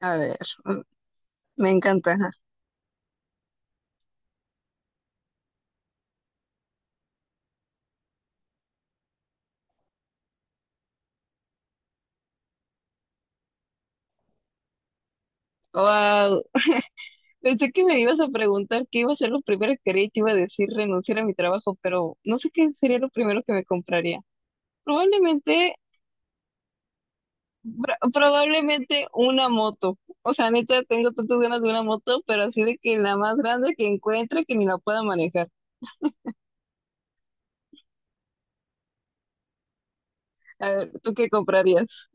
A ver, mm, me encanta. Ajá. Wow, pensé que me ibas a preguntar qué iba a ser lo primero que haría y te iba a decir renunciar a mi trabajo, pero no sé qué sería lo primero que me compraría. Probablemente, probablemente una moto. O sea, neta, tengo tantas ganas de una moto, pero así de que la más grande que encuentre que ni la pueda manejar. A ver, ¿tú qué comprarías?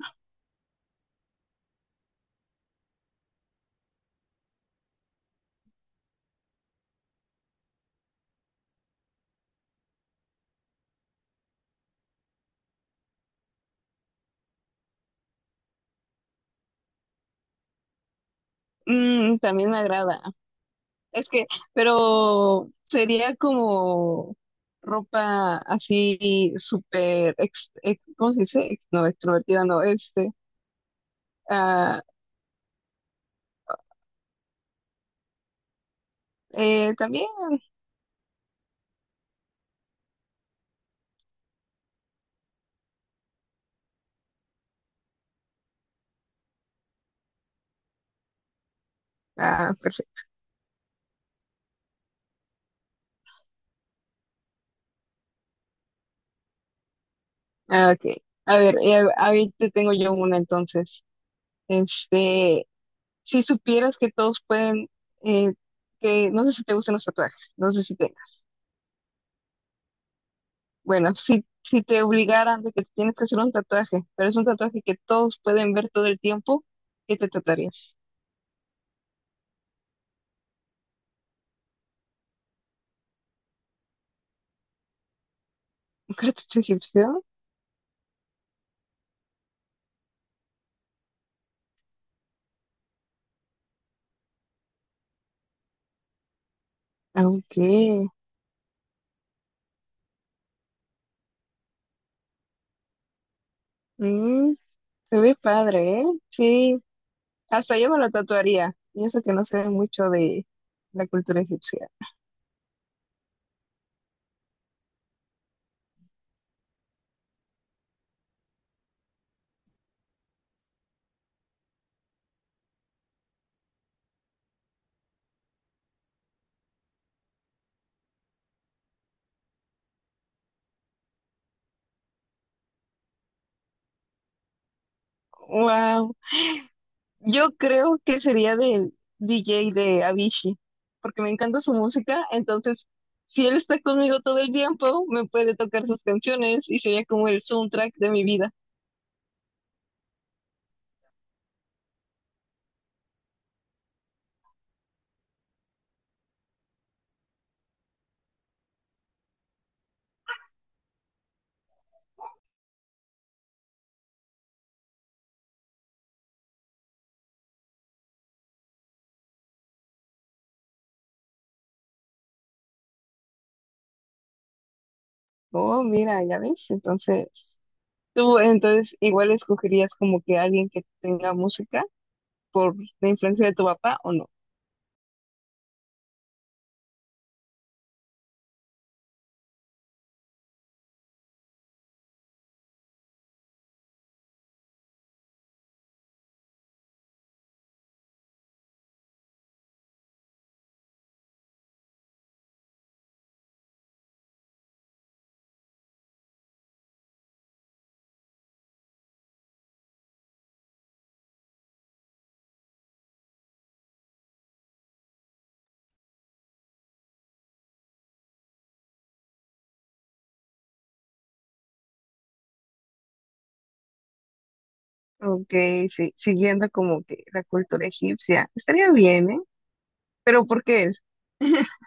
Mm, también me agrada. Es que, pero sería como ropa así súper, ¿cómo se dice? No, extrovertida, no, este. Ah, también. Ah, perfecto. Ah, ok. A ver, ahí te tengo yo una entonces. Este, si supieras que todos pueden, eh, que no sé si te gustan los tatuajes, no sé si tengas. Bueno, si te obligaran de que tienes que hacer un tatuaje, pero es un tatuaje que todos pueden ver todo el tiempo, ¿qué te tatuarías? ¿Cartucho egipcio? Aunque, mm, se ve padre, ¿eh? Sí, hasta yo me lo tatuaría. Y eso que no sé mucho de la cultura egipcia. Wow. Yo creo que sería del DJ de Avicii, porque me encanta su música. Entonces, si él está conmigo todo el tiempo, me puede tocar sus canciones y sería como el soundtrack de mi vida. Oh, mira, ya ves. Entonces, tú entonces igual escogerías como que alguien que tenga música, por la influencia de tu papá o no. Ok, sí, siguiendo como que la cultura egipcia. Estaría bien, ¿eh? Pero ¿por qué es?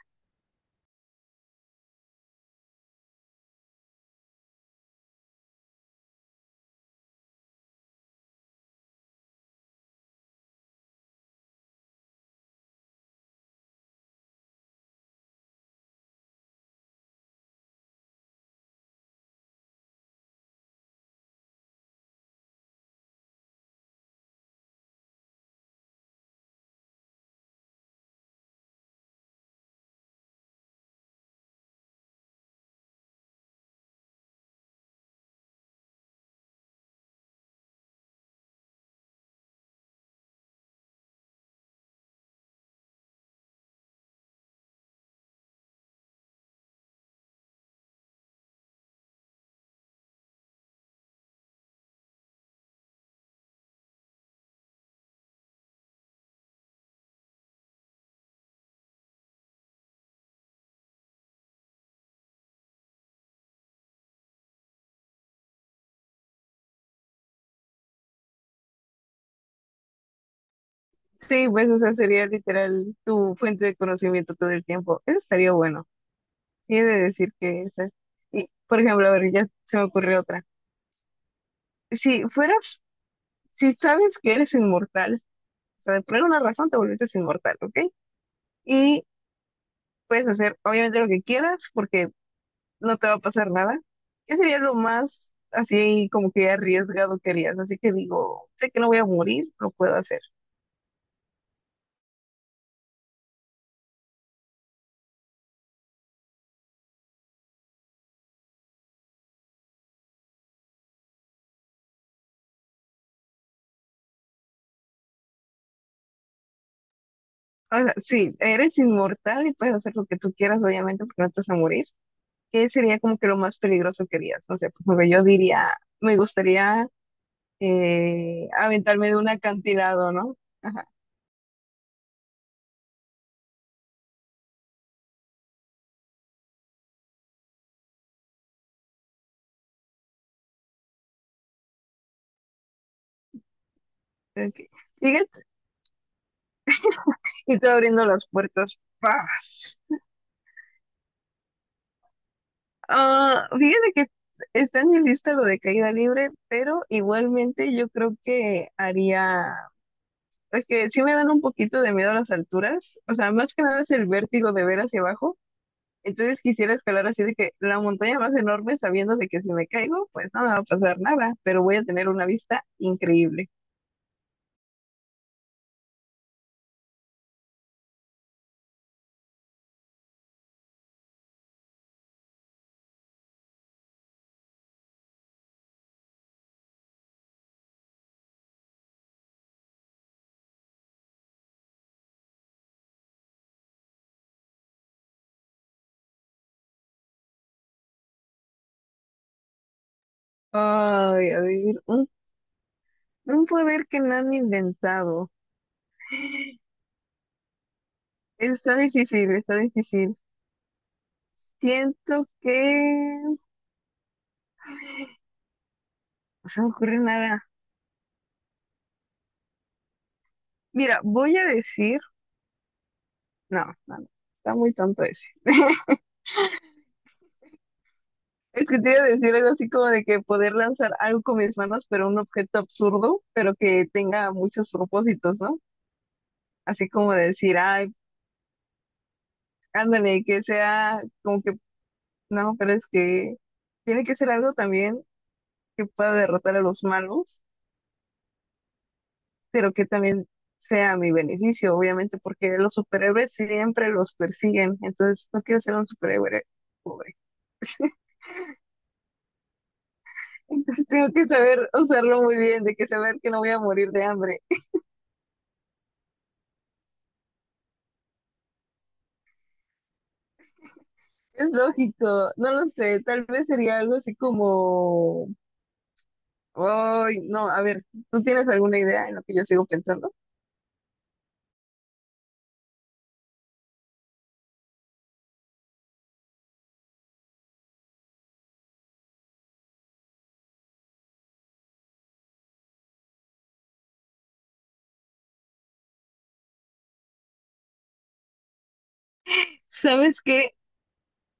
Sí, pues, o sea, sería literal tu fuente de conocimiento todo el tiempo. Eso estaría bueno. Sí, he de decir que esa es. Y, por ejemplo, a ver, ya se me ocurrió otra. Si fueras, si sabes que eres inmortal, o sea, por alguna razón te volviste inmortal, ¿ok? Y puedes hacer, obviamente, lo que quieras, porque no te va a pasar nada. ¿Qué sería lo más así como que arriesgado que harías? Así que digo, sé que no voy a morir, lo puedo hacer. O sea, sí, eres inmortal y puedes hacer lo que tú quieras, obviamente, porque no te vas a morir. ¿Qué sería como que lo más peligroso que harías? No sé, porque yo diría, me gustaría aventarme de un acantilado, ¿no? Ajá. Ok. Fíjate, y tú abriendo las puertas, ¡paz! Ah, fíjate que está en mi lista lo de caída libre, pero igualmente yo creo que haría, es que sí me dan un poquito de miedo a las alturas, o sea, más que nada es el vértigo de ver hacia abajo, entonces quisiera escalar así de que la montaña más enorme sabiendo de que si me caigo, pues no me va a pasar nada, pero voy a tener una vista increíble. Ay, a ver, un poder que no han inventado. Está difícil, está difícil. Siento que… no se me ocurre nada. Mira, voy a decir. No, no, no. Está muy tonto ese. Es que te iba a decir algo así como de que poder lanzar algo con mis manos, pero un objeto absurdo, pero que tenga muchos propósitos, ¿no? Así como de decir, ay, ándale, que sea como que. No, pero es que tiene que ser algo también que pueda derrotar a los malos, pero que también sea a mi beneficio, obviamente, porque los superhéroes siempre los persiguen. Entonces, no quiero ser un superhéroe pobre. Entonces tengo que saber usarlo muy bien, de que saber que no voy a morir de hambre. Es lógico, no lo sé, tal vez sería algo así como… ay, no, a ver, ¿tú tienes alguna idea en lo que yo sigo pensando? ¿Sabes qué?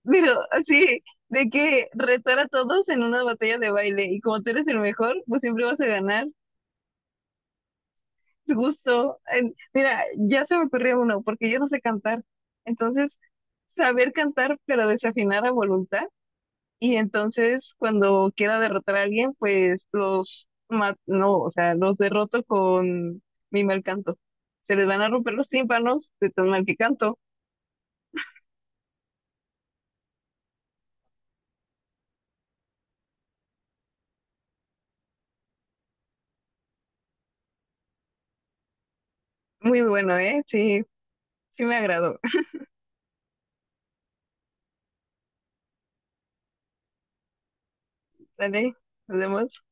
Pero así, de que retar a todos en una batalla de baile y como tú eres el mejor, pues siempre vas a ganar. Es justo. Mira, ya se me ocurrió uno, porque yo no sé cantar. Entonces, saber cantar pero desafinar a voluntad. Y entonces, cuando quiera derrotar a alguien, pues no, o sea, los derroto con mi mal canto. Se les van a romper los tímpanos de tan mal que canto. Muy bueno, ¿eh? Sí, sí me agradó. Dale, nos vemos.